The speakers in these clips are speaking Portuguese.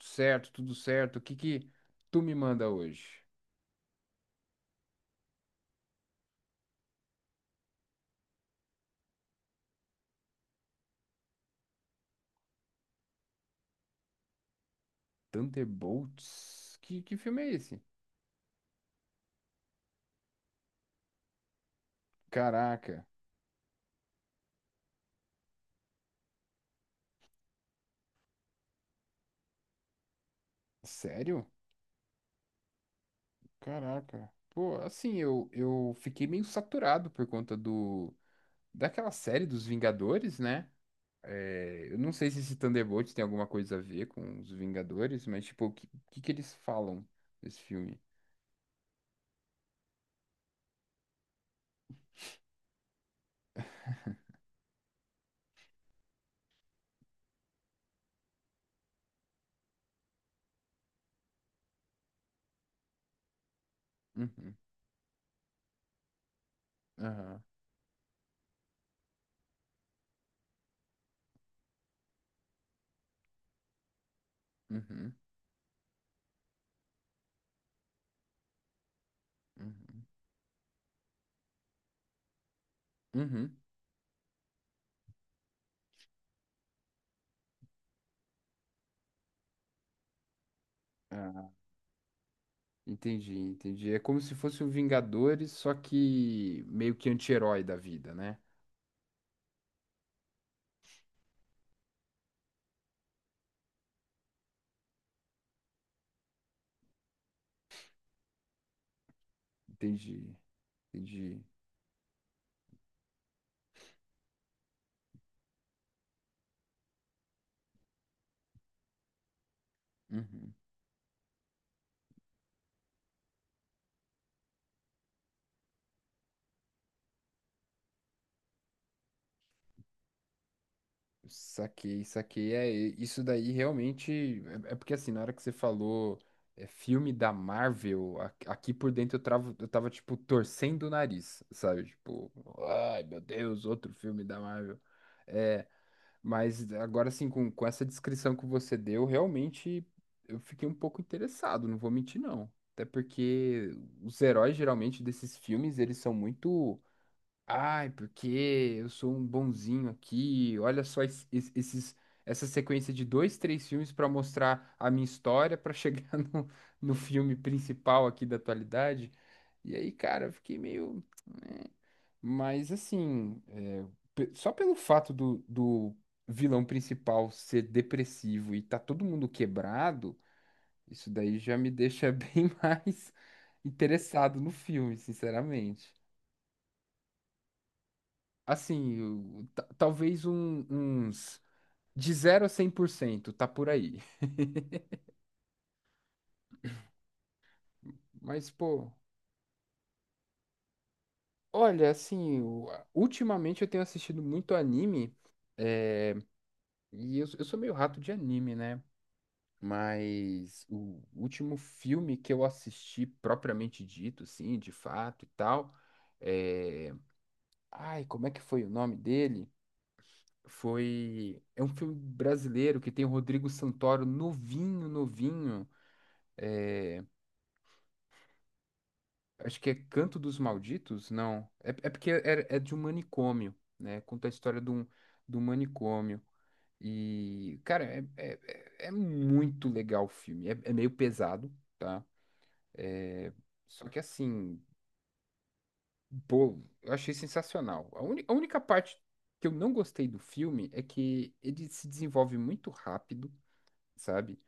Certo, tudo certo. O que tu me manda hoje? Thunderbolts? Que filme é esse? Caraca, sério? Caraca. Pô, assim, eu fiquei meio saturado por conta do daquela série dos Vingadores, né? É, eu não sei se esse Thunderbolts tem alguma coisa a ver com os Vingadores, mas tipo, o que que eles falam nesse filme? Uhum, aham, uhum, uhum, uhum. Entendi, entendi. É como se fosse o Vingadores, só que meio que anti-herói da vida, né? Entendi, entendi. Uhum. Saquei, saquei. É, isso daí realmente. É, é porque assim, na hora que você falou é, filme da Marvel, aqui por dentro eu travo, eu tava, tipo, torcendo o nariz, sabe? Tipo, ai meu Deus, outro filme da Marvel. É, mas agora assim, com essa descrição que você deu, realmente eu fiquei um pouco interessado, não vou mentir não. Até porque os heróis geralmente desses filmes, eles são muito, ai, porque eu sou um bonzinho aqui. Olha só es- es- esses essa sequência de dois, três filmes para mostrar a minha história para chegar no, no filme principal aqui da atualidade. E aí, cara, eu fiquei meio. "É, mas assim, é, só pelo fato do vilão principal ser depressivo e tá todo mundo quebrado, isso daí já me deixa bem mais interessado no filme, sinceramente. Assim, talvez uns de zero a 100% tá por aí. Mas, pô, olha, assim, ultimamente eu tenho assistido muito anime, é, e eu sou meio rato de anime, né? Mas o último filme que eu assisti, propriamente dito, assim, de fato e tal, é... Ai, como é que foi o nome dele? Foi... É um filme brasileiro que tem o Rodrigo Santoro novinho, novinho. Acho que é Canto dos Malditos? Não. É, é porque é de um manicômio, né? Conta a história de um manicômio. E, cara, é muito legal o filme. É, é meio pesado, tá? É... Só que assim, pô, eu achei sensacional. A única parte que eu não gostei do filme é que ele se desenvolve muito rápido, sabe?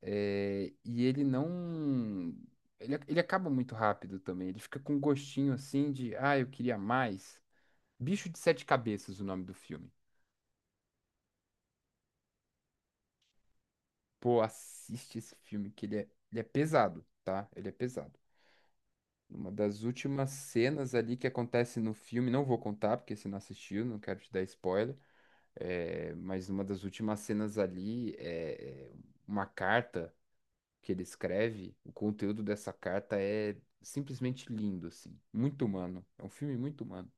É, e ele não. Ele acaba muito rápido também. Ele fica com um gostinho assim de, ah, eu queria mais. Bicho de Sete Cabeças, o nome do filme. Pô, assiste esse filme que ele é pesado, tá? Ele é pesado. Uma das últimas cenas ali que acontece no filme, não vou contar, porque você não assistiu, não quero te dar spoiler. É, mas numa das últimas cenas ali é uma carta que ele escreve. O conteúdo dessa carta é simplesmente lindo, assim. Muito humano. É um filme muito humano.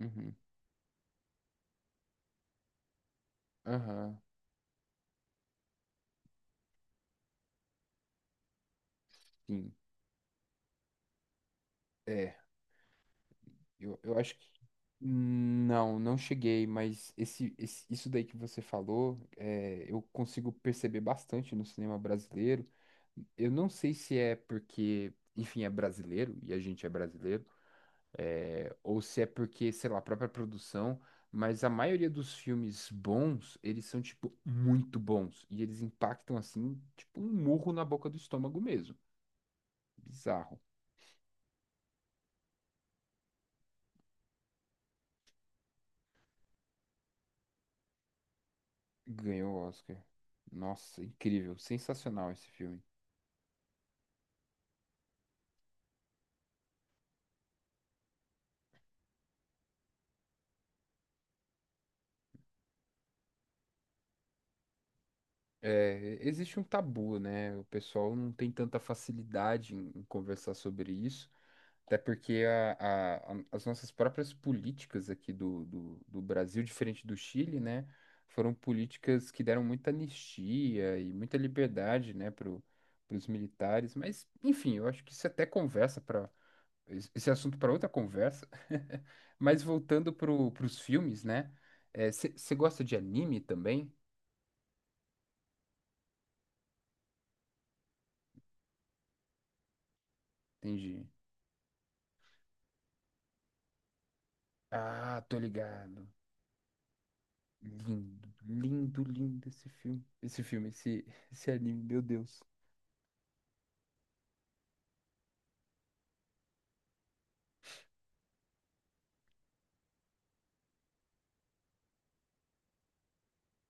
Uhum. Aham, sim. É, eu acho que. Não, não cheguei, mas isso daí que você falou, é, eu consigo perceber bastante no cinema brasileiro. Eu não sei se é porque, enfim, é brasileiro e a gente é brasileiro, é, ou se é porque, sei lá, a própria produção, mas a maioria dos filmes bons, eles são, tipo, muito bons. E eles impactam, assim, tipo um murro na boca do estômago mesmo. Bizarro. Ganhou o Oscar. Nossa, incrível. Sensacional esse filme. É, existe um tabu, né? O pessoal não tem tanta facilidade em conversar sobre isso. Até porque as nossas próprias políticas aqui do Brasil, diferente do Chile, né, foram políticas que deram muita anistia e muita liberdade, né, para os militares. Mas, enfim, eu acho que isso até conversa para esse assunto para outra conversa. Mas voltando para os filmes, né? Você gosta de anime também? Entendi. Ah, tô ligado. Lindo, lindo, lindo esse filme. Esse filme, esse, esse anime, meu Deus.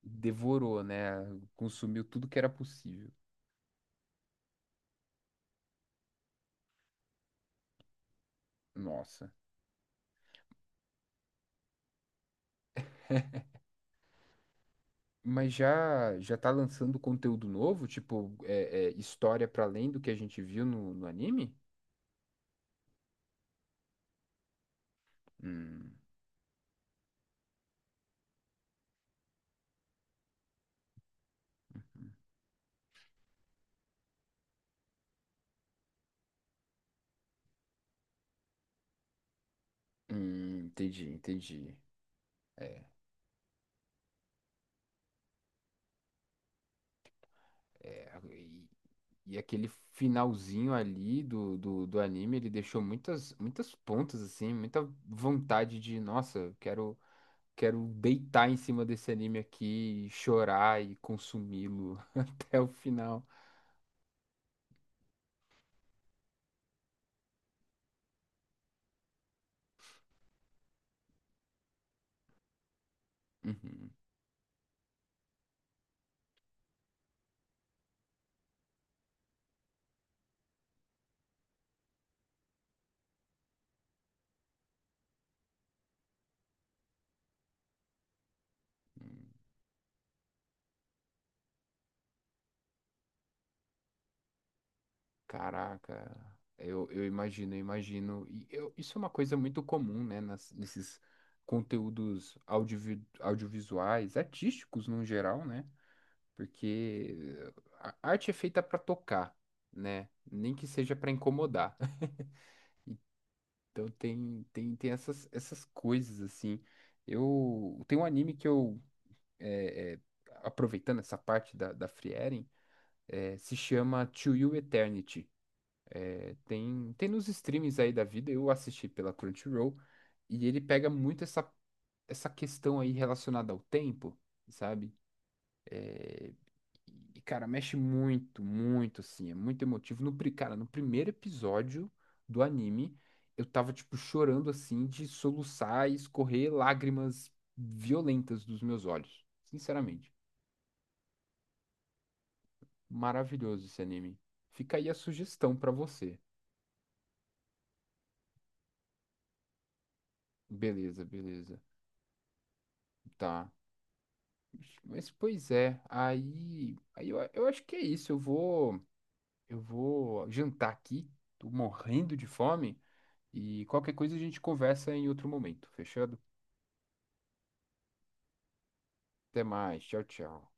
Devorou, né? Consumiu tudo que era possível. Nossa. Mas já já tá lançando conteúdo novo, tipo é, história para além do que a gente viu no anime? Hum, entendi, entendi. É, é, e aquele finalzinho ali do anime, ele deixou muitas muitas pontas assim, muita vontade de, nossa, eu quero quero deitar em cima desse anime aqui, e chorar e consumi-lo até o final. Uhum. Uhum. Caraca, eu imagino, eu imagino. Isso é uma coisa muito comum, né, nesses conteúdos audiovisuais, artísticos no geral, né? Porque a arte é feita para tocar, né? Nem que seja para incomodar. Então tem essas, essas coisas, assim. Eu tem um anime que eu, é, é, aproveitando essa parte da Frieren, é, se chama To You Eternity. É, tem nos streams aí da vida, eu assisti pela Crunchyroll, e ele pega muito essa questão aí relacionada ao tempo, sabe? É, e, cara, mexe muito, muito, assim, é muito emotivo. Cara, no primeiro episódio do anime, eu tava, tipo, chorando, assim, de soluçar e escorrer lágrimas violentas dos meus olhos. Sinceramente, maravilhoso esse anime. Fica aí a sugestão pra você. Beleza, beleza. Tá. Mas pois é, aí, aí eu acho que é isso. Eu vou jantar aqui. Tô morrendo de fome e qualquer coisa a gente conversa em outro momento. Fechado? Até mais. Tchau, tchau.